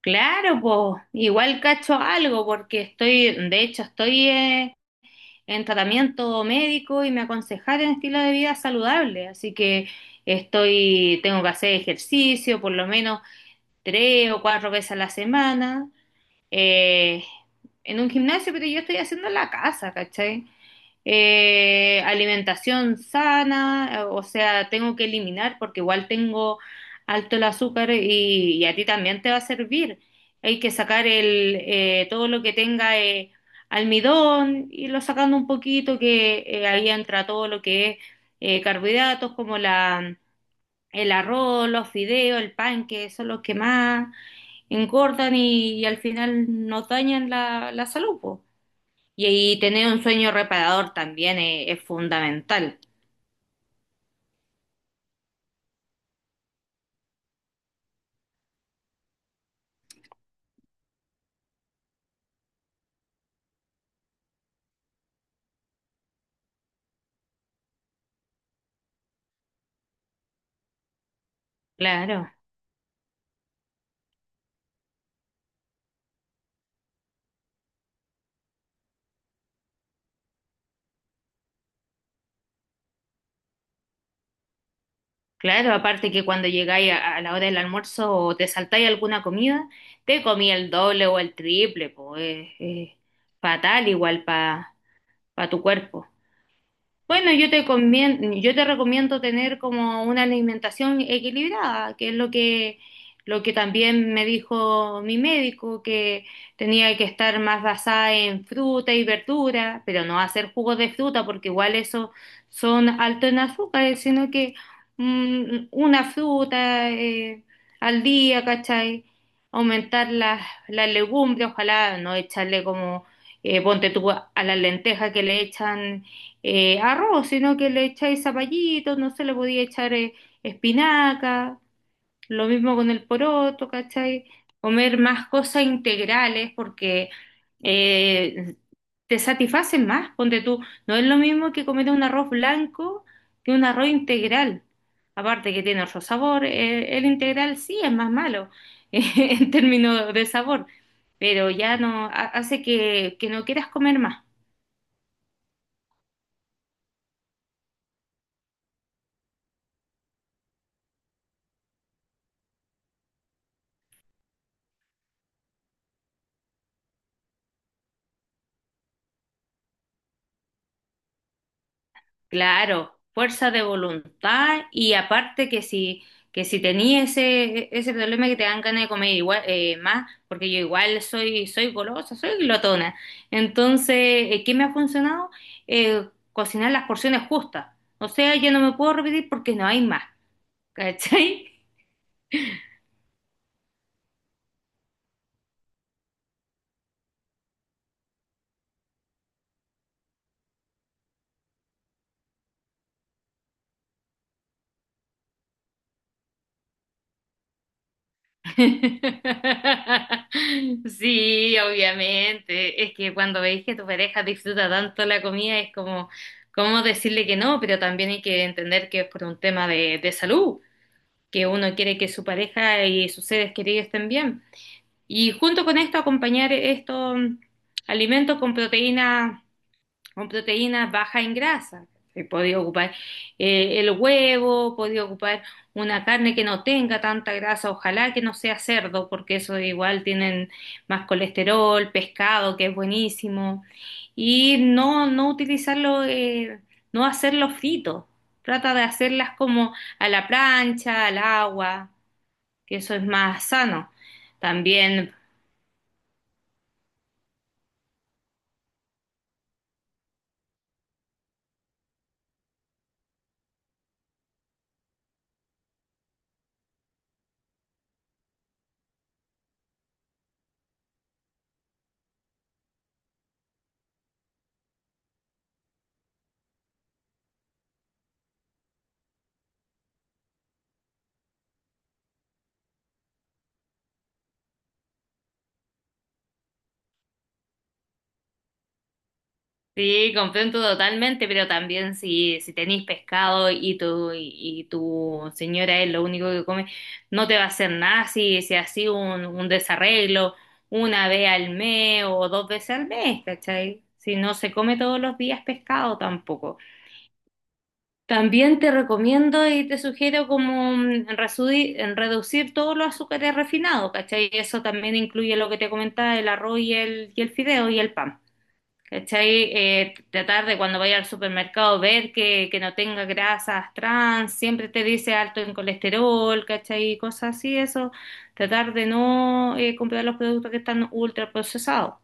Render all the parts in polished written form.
Claro, pues igual cacho algo porque estoy, de hecho, estoy en tratamiento médico y me aconsejaron estilo de vida saludable, así que tengo que hacer ejercicio por lo menos tres o cuatro veces a la semana, eh, en un gimnasio, pero yo estoy haciendo en la casa, ¿cachai? Alimentación sana, o sea, tengo que eliminar porque igual tengo alto el azúcar y a ti también te va a servir. Hay que sacar todo lo que tenga almidón, irlo sacando un poquito, que ahí entra todo lo que es carbohidratos como el arroz, los fideos, el pan, que son los que más engordan y al final nos dañan la salud, po. Y tener un sueño reparador también es fundamental. Claro, claro, aparte que cuando llegáis a la hora del almuerzo o te saltáis alguna comida, te comí el doble o el triple, pues es, fatal igual para tu cuerpo. Bueno, yo te recomiendo tener como una alimentación equilibrada, que es lo que también me dijo mi médico, que tenía que estar más basada en fruta y verdura, pero no hacer jugos de fruta, porque igual eso son altos en azúcares, sino que una fruta al día, ¿cachai? Aumentar las legumbres, ojalá no echarle como, ponte tú a las lentejas que le echan arroz, sino que le echáis zapallito, no se le podía echar espinaca, lo mismo con el poroto, ¿cachai? Comer más cosas integrales porque eh, te satisfacen más, ponte tú, no es lo mismo que comer un arroz blanco que un arroz integral, aparte que tiene otro sabor, el integral sí es más malo en términos de sabor, pero ya no ha- hace que no quieras comer más. Claro, fuerza de voluntad y aparte que si tenía ese problema que te dan ganas de comer igual, más, porque yo igual soy golosa, soy glotona. Entonces, ¿qué me ha funcionado? Cocinar las porciones justas. O sea, yo no me puedo repetir porque no hay más. ¿Cachai? Sí, obviamente. Es que cuando veis que tu pareja disfruta tanto la comida, es como, ¿cómo decirle que no? Pero también hay que entender que es por un tema de salud, que uno quiere que su pareja y sus seres queridos estén bien. Y junto con esto, acompañar estos alimentos con proteínas bajas en grasa. Podía ocupar el huevo, podía ocupar una carne que no tenga tanta grasa, ojalá que no sea cerdo, porque eso igual tienen más colesterol, pescado, que es buenísimo. Y no utilizarlo, no hacerlo frito. Trata de hacerlas como a la plancha, al agua, que eso es más sano. También Sí, comprendo totalmente, pero también si tenéis pescado y y tu señora es lo único que come, no te va a hacer nada si así un desarreglo una vez al mes o dos veces al mes, ¿cachai? Si no se come todos los días pescado tampoco. También te recomiendo y te sugiero como en reducir todos los azúcares refinados, ¿cachai? Eso también incluye lo que te comentaba, el arroz y y el fideo y el pan. ¿Cachai? Tratar de cuando vaya al supermercado ver que no tenga grasas trans, siempre te dice alto en colesterol, ¿cachai? Cosas así, eso. Tratar de no comprar los productos que están ultra procesados.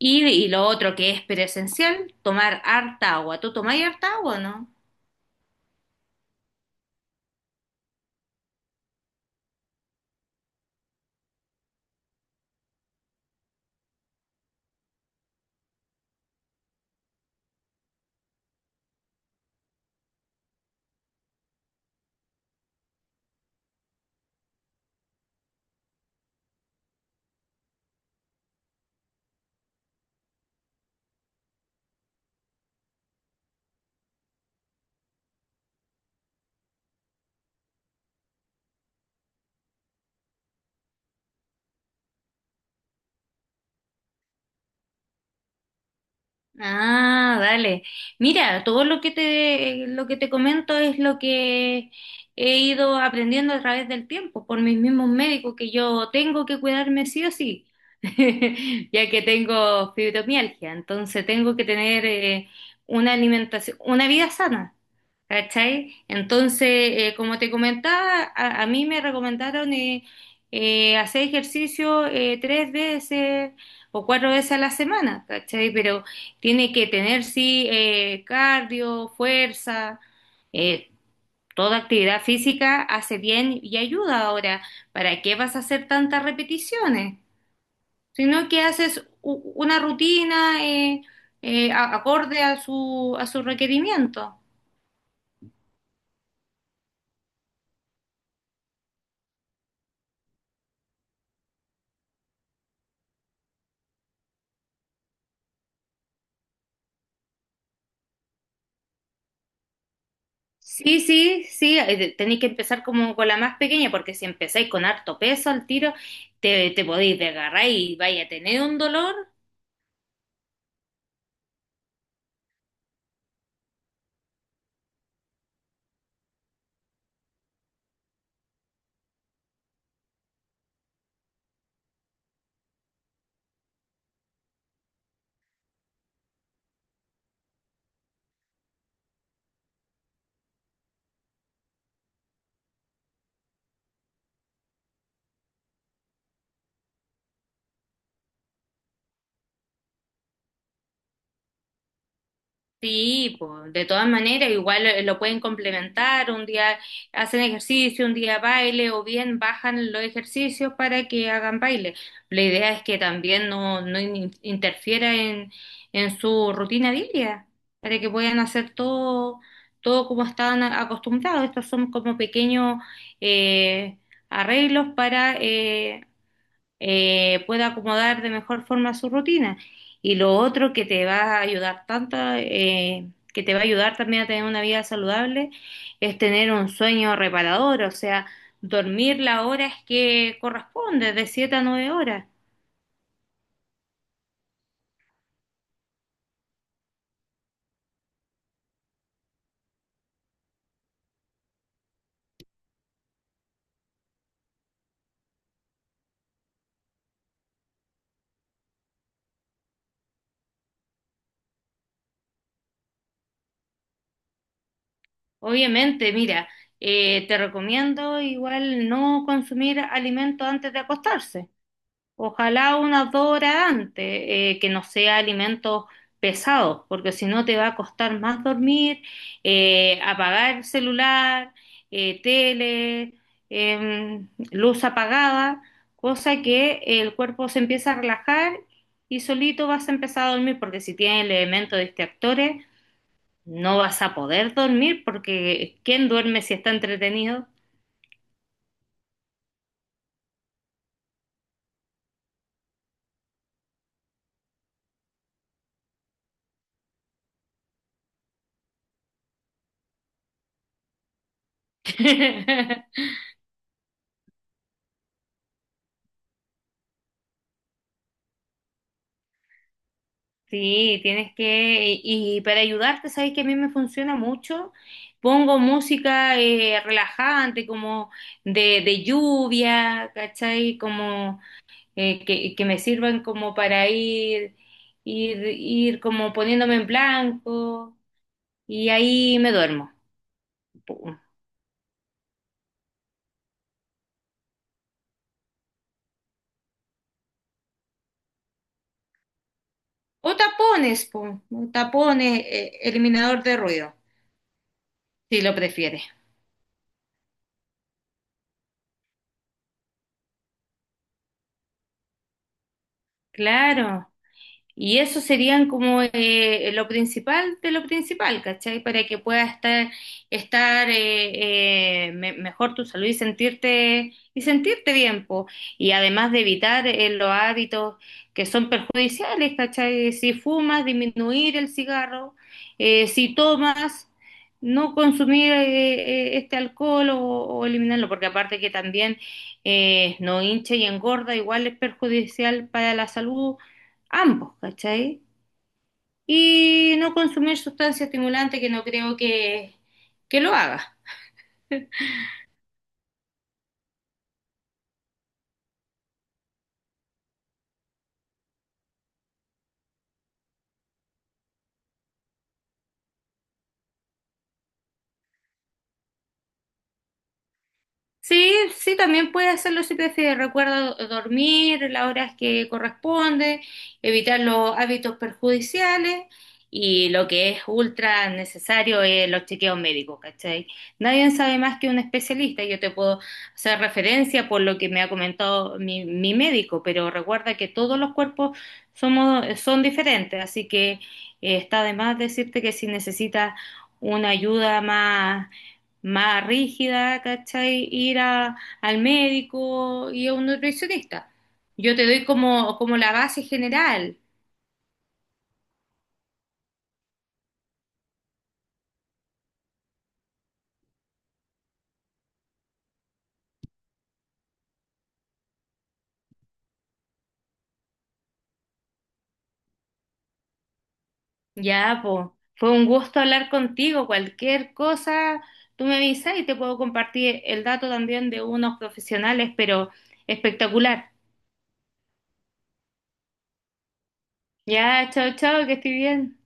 Y lo otro que es pero esencial, tomar harta agua. ¿Tú tomás harta agua, o no? Ah, vale. Mira, todo lo que te, comento es lo que he ido aprendiendo a través del tiempo por mis mismos médicos, que yo tengo que cuidarme sí o sí, ya que tengo fibromialgia, entonces tengo que tener una alimentación, una vida sana. ¿Cachai? Entonces, como te comentaba, a mí me recomendaron hacer ejercicio tres veces o cuatro veces a la semana, ¿cachai? Pero tiene que tener, sí, cardio, fuerza, eh, toda actividad física hace bien y ayuda ahora. ¿Para qué vas a hacer tantas repeticiones? Sino que haces una rutina acorde a su requerimiento. Sí, sí, sí, tenéis que empezar como con la más pequeña, porque si empezáis con harto peso al tiro, te podéis desgarrar y vais a tener un dolor. Sí, pues, de todas maneras, igual lo pueden complementar, un día hacen ejercicio, un día baile, o bien bajan los ejercicios para que hagan baile. La idea es que también no interfiera en su rutina diaria, para que puedan hacer todo, todo como están acostumbrados. Estos son como pequeños eh, arreglos para pueda acomodar de mejor forma su rutina. Y lo otro que te va a ayudar tanto, que te va a ayudar también a tener una vida saludable, es tener un sueño reparador, o sea, dormir las horas que corresponde, de 7 a 9 horas. Obviamente, mira, te recomiendo igual no consumir alimentos antes de acostarse. Ojalá unas 2 horas antes, que no sea alimentos pesados, porque si no te va a costar más dormir, apagar celular, tele, luz apagada, cosa que el cuerpo se empieza a relajar y solito vas a empezar a dormir, porque si tienes el elemento de distractores, no vas a poder dormir, porque ¿quién duerme si está entretenido? Sí, y para ayudarte, sabes que a mí me funciona mucho. Pongo música relajante, como de lluvia, ¿cachai? Como que me sirvan como para ir como poniéndome en blanco y ahí me duermo. Pum. O tapones, pum, o tapones, eliminador de ruido, si lo prefieres. Claro. Y eso serían como lo principal de lo principal, ¿cachai? Para que puedas estar mejor tu salud sentirte bien, po. Y además de evitar los hábitos que son perjudiciales, ¿cachai? Si fumas, disminuir el cigarro, si tomas, no consumir este alcohol o eliminarlo, porque aparte que también no hincha y engorda, igual es perjudicial para la salud ambos, ¿cachai? Y no consumir sustancia estimulante que no creo que lo haga. Sí, sí, también puede hacerlo si prefieres. Recuerda dormir las horas que corresponde, evitar los hábitos perjudiciales y lo que es ultra necesario es los chequeos médicos, ¿cachai? Nadie sabe más que un especialista. Yo te puedo hacer referencia por lo que me ha comentado mi médico, pero recuerda que todos los cuerpos son diferentes, así que está de más decirte que si necesitas una ayuda más rígida, ¿cachai? Ir al médico y a un nutricionista. Yo te doy como la base general. Ya, po. Fue un gusto hablar contigo. Cualquier cosa, tú me avisas y te puedo compartir el dato también de unos profesionales, pero espectacular. Ya, chao, chao, que estoy bien.